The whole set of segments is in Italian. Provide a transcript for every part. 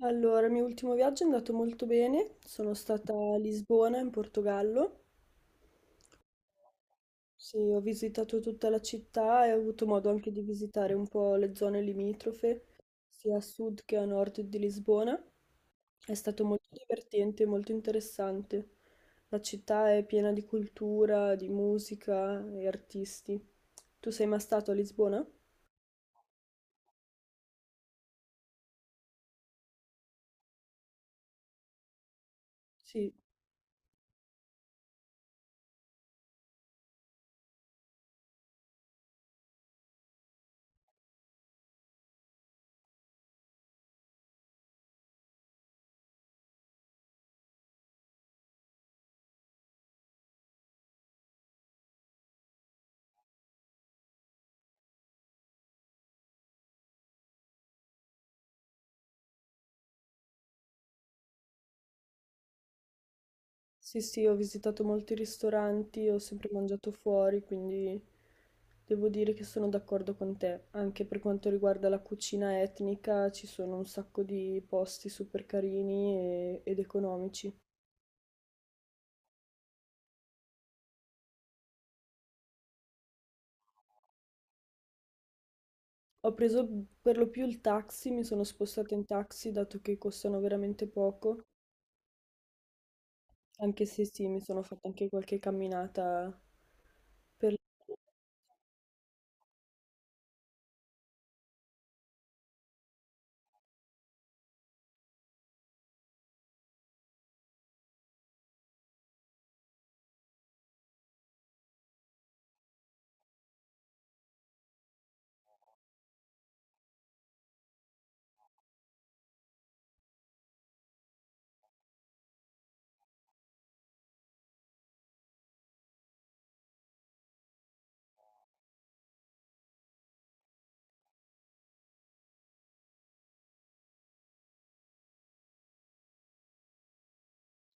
Allora, il mio ultimo viaggio è andato molto bene, sono stata a Lisbona in Portogallo, sì, ho visitato tutta la città e ho avuto modo anche di visitare un po' le zone limitrofe, sia a sud che a nord di Lisbona. È stato molto divertente, molto interessante. La città è piena di cultura, di musica e artisti. Tu sei mai stato a Lisbona? Sì. Sì, sì, ho visitato molti ristoranti, ho sempre mangiato fuori, quindi devo dire che sono d'accordo con te. Anche per quanto riguarda la cucina etnica, ci sono un sacco di posti super carini e- ed economici. Ho preso per lo più il taxi, mi sono spostata in taxi dato che costano veramente poco, anche se sì, mi sono fatta anche qualche camminata per...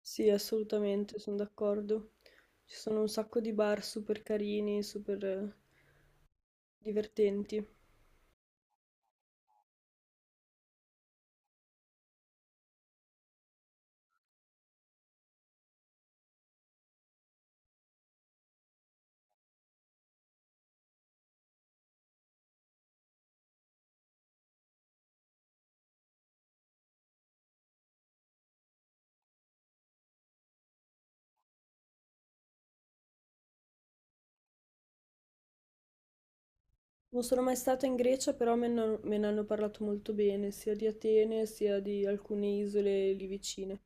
Sì, assolutamente, sono d'accordo. Ci sono un sacco di bar super carini, super divertenti. Non sono mai stata in Grecia, però me ne hanno parlato molto bene, sia di Atene sia di alcune isole lì vicine.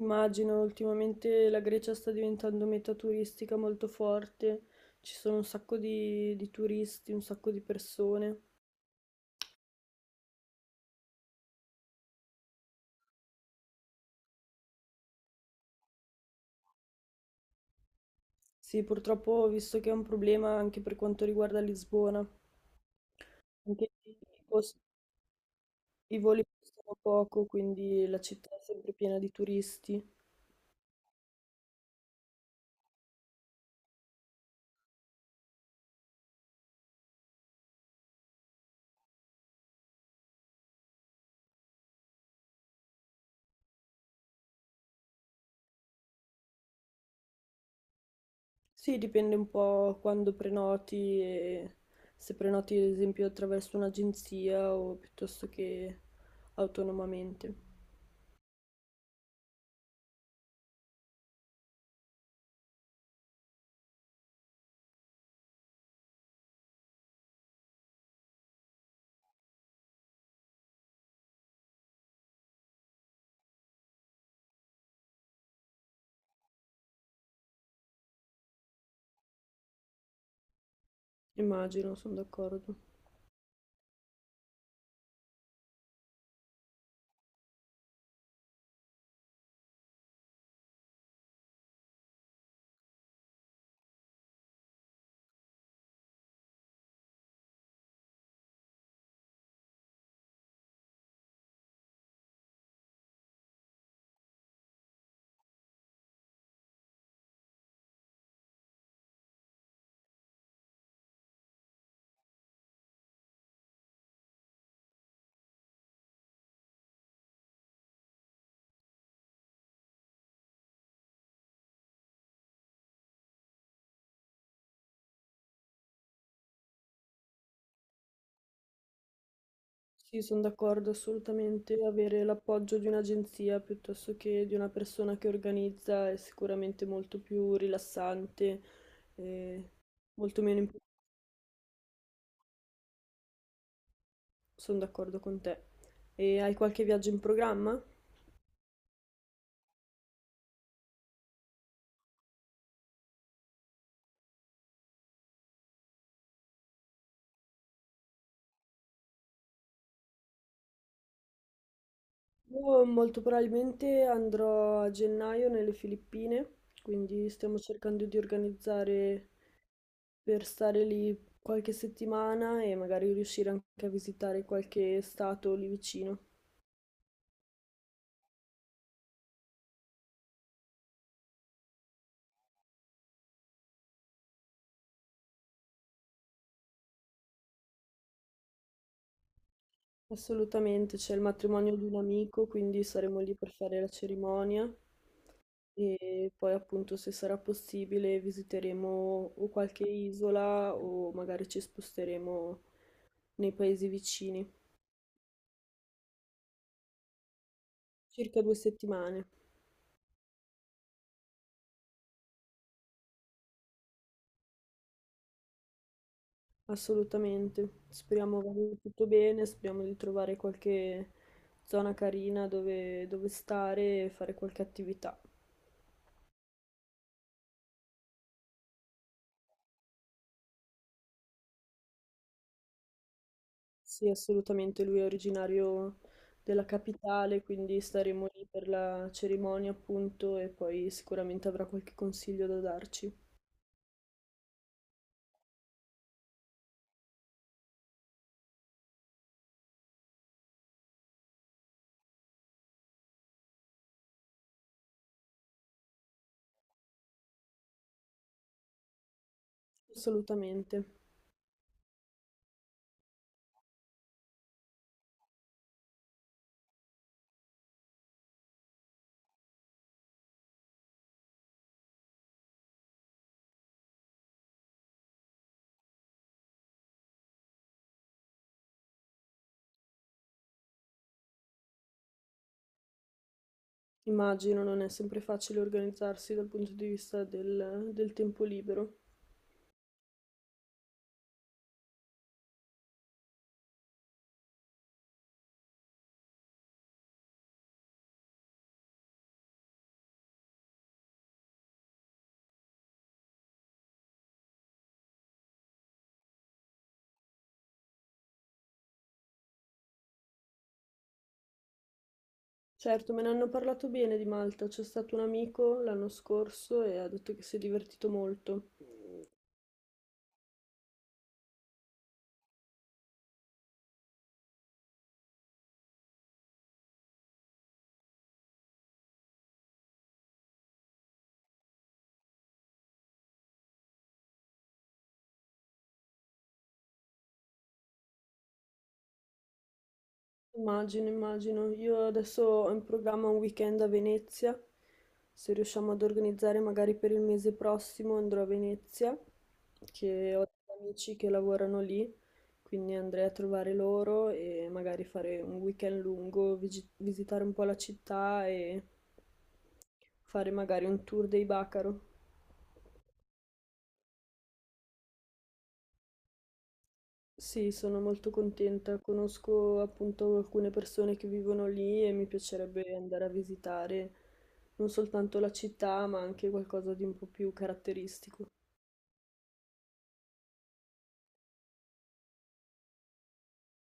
Immagino, ultimamente la Grecia sta diventando meta turistica molto forte, ci sono un sacco di turisti, un sacco di persone. Sì, purtroppo ho visto che è un problema anche per quanto riguarda Lisbona. Anche lì i costi. I voli costano poco, quindi la città è sempre piena di turisti. Sì, dipende un po' quando prenoti e se prenoti ad esempio attraverso un'agenzia o piuttosto che autonomamente. Immagino, sono d'accordo. Sì, sono d'accordo assolutamente. Avere l'appoggio di un'agenzia piuttosto che di una persona che organizza è sicuramente molto più rilassante e molto meno imp- Sono d'accordo con te. E hai qualche viaggio in programma? Io molto probabilmente andrò a gennaio nelle Filippine, quindi stiamo cercando di organizzare per stare lì qualche settimana e magari riuscire anche a visitare qualche stato lì vicino. Assolutamente, c'è il matrimonio di un amico, quindi saremo lì per fare la cerimonia e poi appunto se sarà possibile visiteremo o qualche isola o magari ci sposteremo nei paesi vicini. Circa due settimane. Assolutamente, speriamo vada tutto bene, speriamo di trovare qualche zona carina dove stare e fare qualche attività. Sì, assolutamente, lui è originario della capitale, quindi staremo lì per la cerimonia, appunto, e poi sicuramente avrà qualche consiglio da darci. Assolutamente. Immagino non è sempre facile organizzarsi dal punto di vista del tempo libero. Certo, me ne hanno parlato bene di Malta. C'è stato un amico l'anno scorso e ha detto che si è divertito molto. Immagino, immagino. Io adesso ho in programma un weekend a Venezia. Se riusciamo ad organizzare magari per il mese prossimo andrò a Venezia, che ho degli amici che lavorano lì, quindi andrei a trovare loro e magari fare un weekend lungo, vigi- visitare un po' la città e fare magari un tour dei Bacaro. Sì, sono molto contenta. Conosco appunto alcune persone che vivono lì e mi piacerebbe andare a visitare non soltanto la città, ma anche qualcosa di un po' più caratteristico.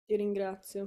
Ti ringrazio.